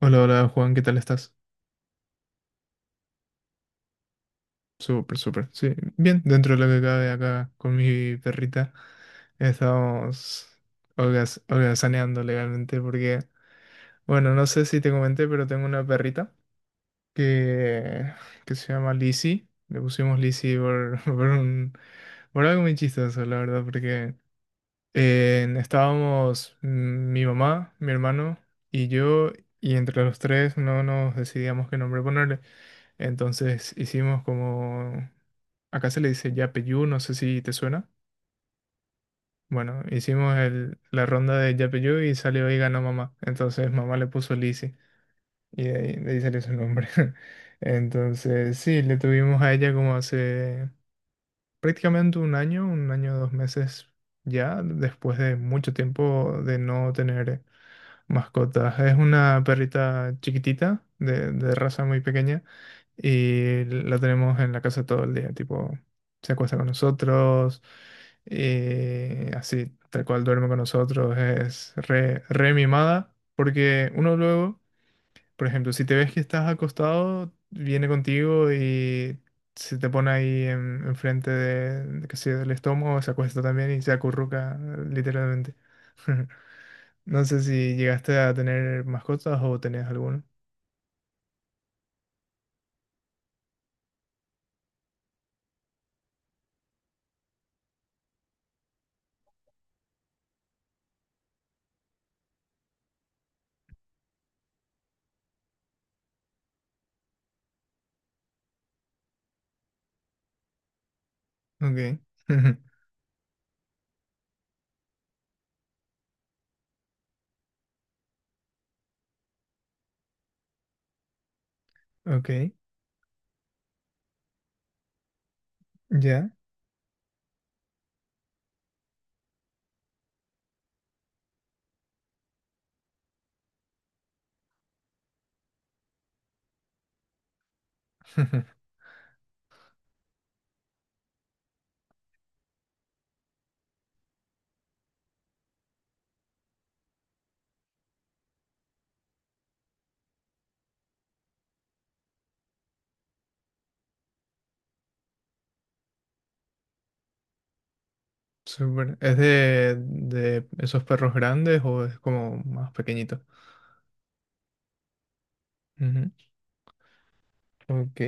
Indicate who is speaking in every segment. Speaker 1: Hola, hola Juan, ¿qué tal estás? Súper, súper. Sí, bien, dentro de lo que cabe acá con mi perrita, estamos holgazaneando legalmente porque, bueno, no sé si te comenté, pero tengo una perrita que, que se llama Lizzie. Le pusimos Lizzie por, por algo muy chistoso, la verdad, porque estábamos mi mamá, mi hermano y yo, y entre los tres no nos decidíamos qué nombre ponerle. Entonces hicimos como, acá se le dice Yapeyú, no sé si te suena. Bueno, hicimos la ronda de Yapeyú y salió y ganó mamá. Entonces mamá le puso Lizzy y de ahí salió su nombre. Entonces sí, le tuvimos a ella como hace prácticamente un año, 2 meses ya, después de mucho tiempo de no tener mascotas. Es una perrita chiquitita, de raza muy pequeña. Y la tenemos en la casa todo el día, tipo, se acuesta con nosotros, así, tal cual duerme con nosotros, es re, re mimada, porque uno luego, por ejemplo, si te ves que estás acostado, viene contigo y se te pone ahí enfrente de que sea del estómago, se acuesta también y se acurruca, literalmente. No sé si llegaste a tener mascotas o tenés alguno. Ok. Ok. Ya. Súper. ¿Es de esos perros grandes o es como más pequeñito? Ujú. Ok.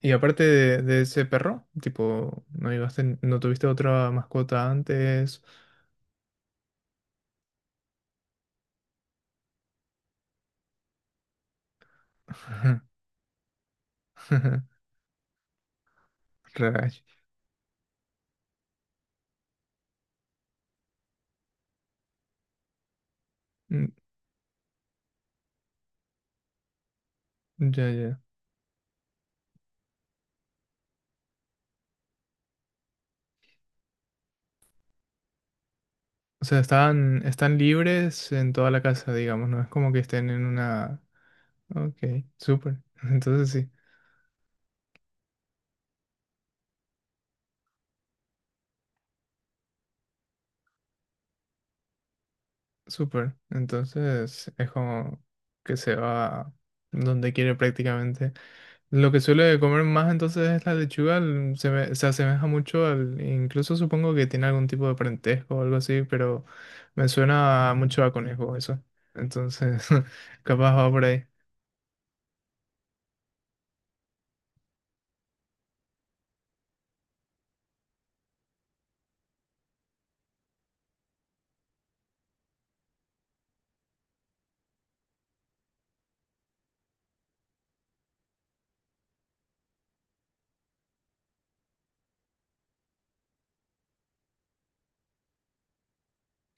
Speaker 1: Y aparte de ese perro, tipo, no tuviste otra mascota antes? Rayos. Mm, ya, ya. O sea, están libres en toda la casa, digamos, no es como que estén en una... Ok, súper. Entonces sí, súper. Entonces es como que se va donde quiere prácticamente. Lo que suele comer más entonces es la lechuga, se asemeja mucho al, incluso supongo que tiene algún tipo de parentesco o algo así, pero me suena mucho a conejo eso. Entonces, capaz va por ahí.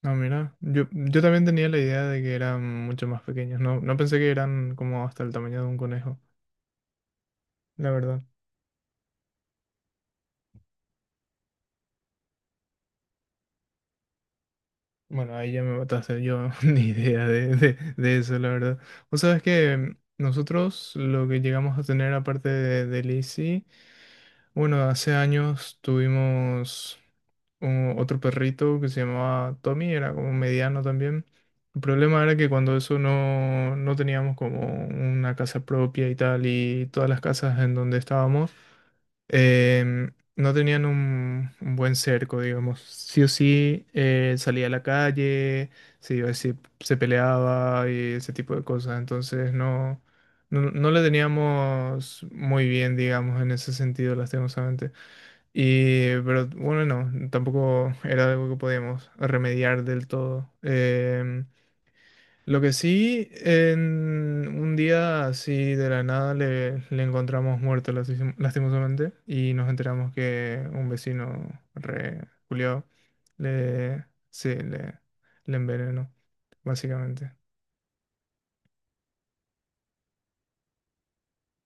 Speaker 1: No, mira, yo, también tenía la idea de que eran mucho más pequeños, no pensé que eran como hasta el tamaño de un conejo, la verdad. Bueno, ahí ya me mataste yo ni idea de eso, la verdad. Vos sabés que nosotros lo que llegamos a tener aparte de Lizzie. Bueno, hace años tuvimos otro perrito que se llamaba Tommy, era como mediano también. El problema era que cuando eso no teníamos como una casa propia y tal, y todas las casas en donde estábamos, no tenían un buen cerco, digamos. Sí o sí, salía a la calle, se iba, se peleaba y ese tipo de cosas. Entonces no le teníamos muy bien, digamos, en ese sentido, lastimosamente. Y, pero bueno, no, tampoco era algo que podíamos remediar del todo. Lo que sí, en un día así de la nada le encontramos muerto lastimosamente y nos enteramos que un vecino re culiao le, sí, le envenenó, básicamente.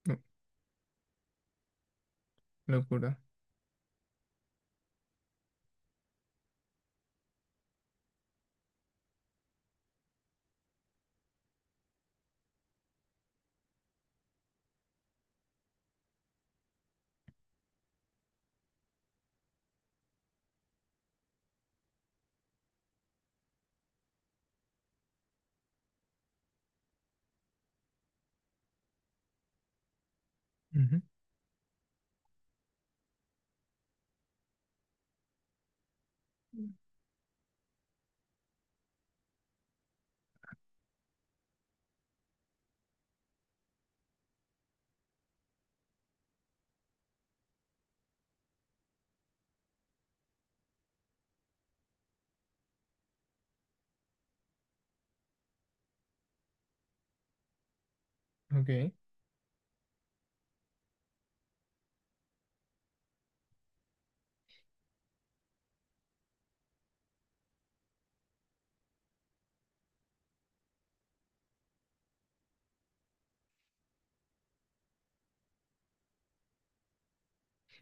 Speaker 1: No, locura. Ujú. Ok.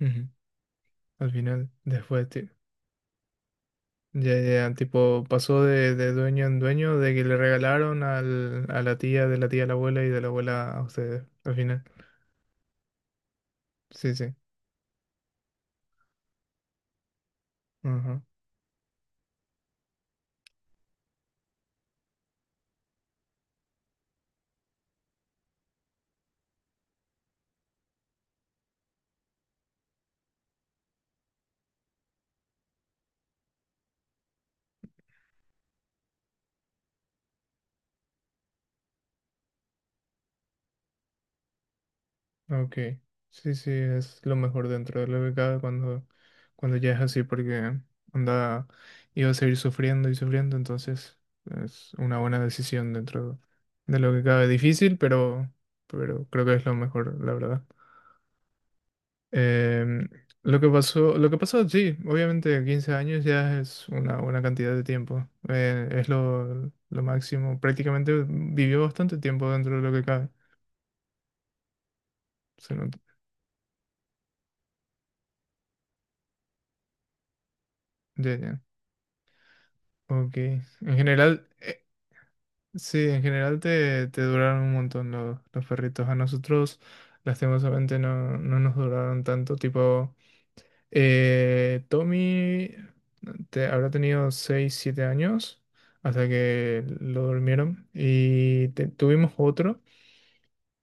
Speaker 1: Ujú. Al final, después, ya, ya, tipo, pasó de dueño en dueño, de que le regalaron a la tía, de la tía a la abuela y de la abuela a ustedes, al final. Sí, sí. Ajá. Ok. Sí, sí, es lo mejor dentro de lo que cabe cuando, ya es así, porque anda, iba a seguir sufriendo y sufriendo, entonces es una buena decisión dentro de lo que cabe. Difícil, pero creo que es lo mejor, la verdad. Em, lo que pasó sí, obviamente 15 años ya es una buena cantidad de tiempo. Es lo máximo. Prácticamente vivió bastante tiempo dentro de lo que cabe. Se nota. Ya, ya. Ok. En general, sí, en general te duraron un montón los perritos. A nosotros, lastimosamente, no nos duraron tanto. Tipo. Tommy habrá tenido 6 7 años hasta que lo durmieron y tuvimos otro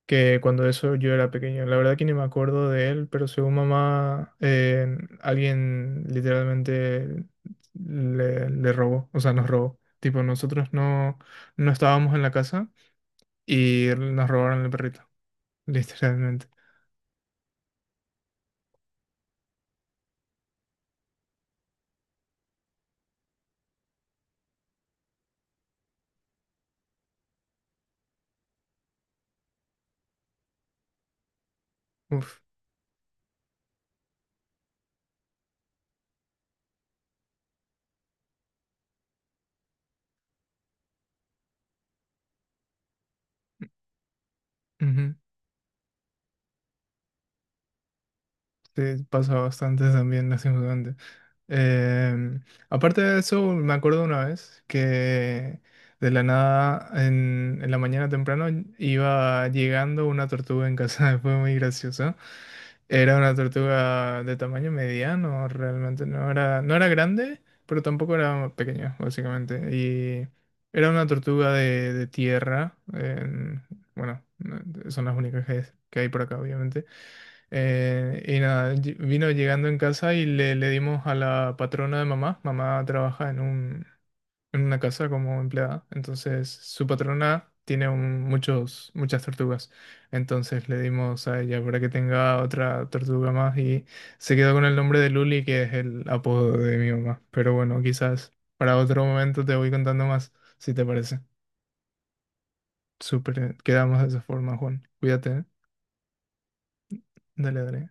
Speaker 1: que cuando eso yo era pequeño. La verdad que ni me acuerdo de él, pero según mamá, alguien literalmente le robó, o sea, nos robó. Tipo, nosotros no estábamos en la casa y nos robaron el perrito, literalmente. Uf, ujú. Sí, pasa bastante también, lastimosamente. Em, Aparte de eso, me acuerdo una vez que de la nada en la mañana temprano iba llegando una tortuga en casa, fue muy gracioso. Era una tortuga de tamaño mediano, realmente no era grande, pero tampoco era pequeña, básicamente. Y era una tortuga de tierra, bueno, son las únicas que hay por acá, obviamente. Y nada, vino llegando en casa y le dimos a la patrona de mamá. Mamá trabaja en un, en una casa como empleada. Entonces, su patrona tiene muchas tortugas. Entonces le dimos a ella para que tenga otra tortuga más y se quedó con el nombre de Luli, que es el apodo de mi mamá. Pero bueno, quizás para otro momento te voy contando más, si te parece. Súper, quedamos de esa forma, Juan. Cuídate, ¿eh? Dale, dale.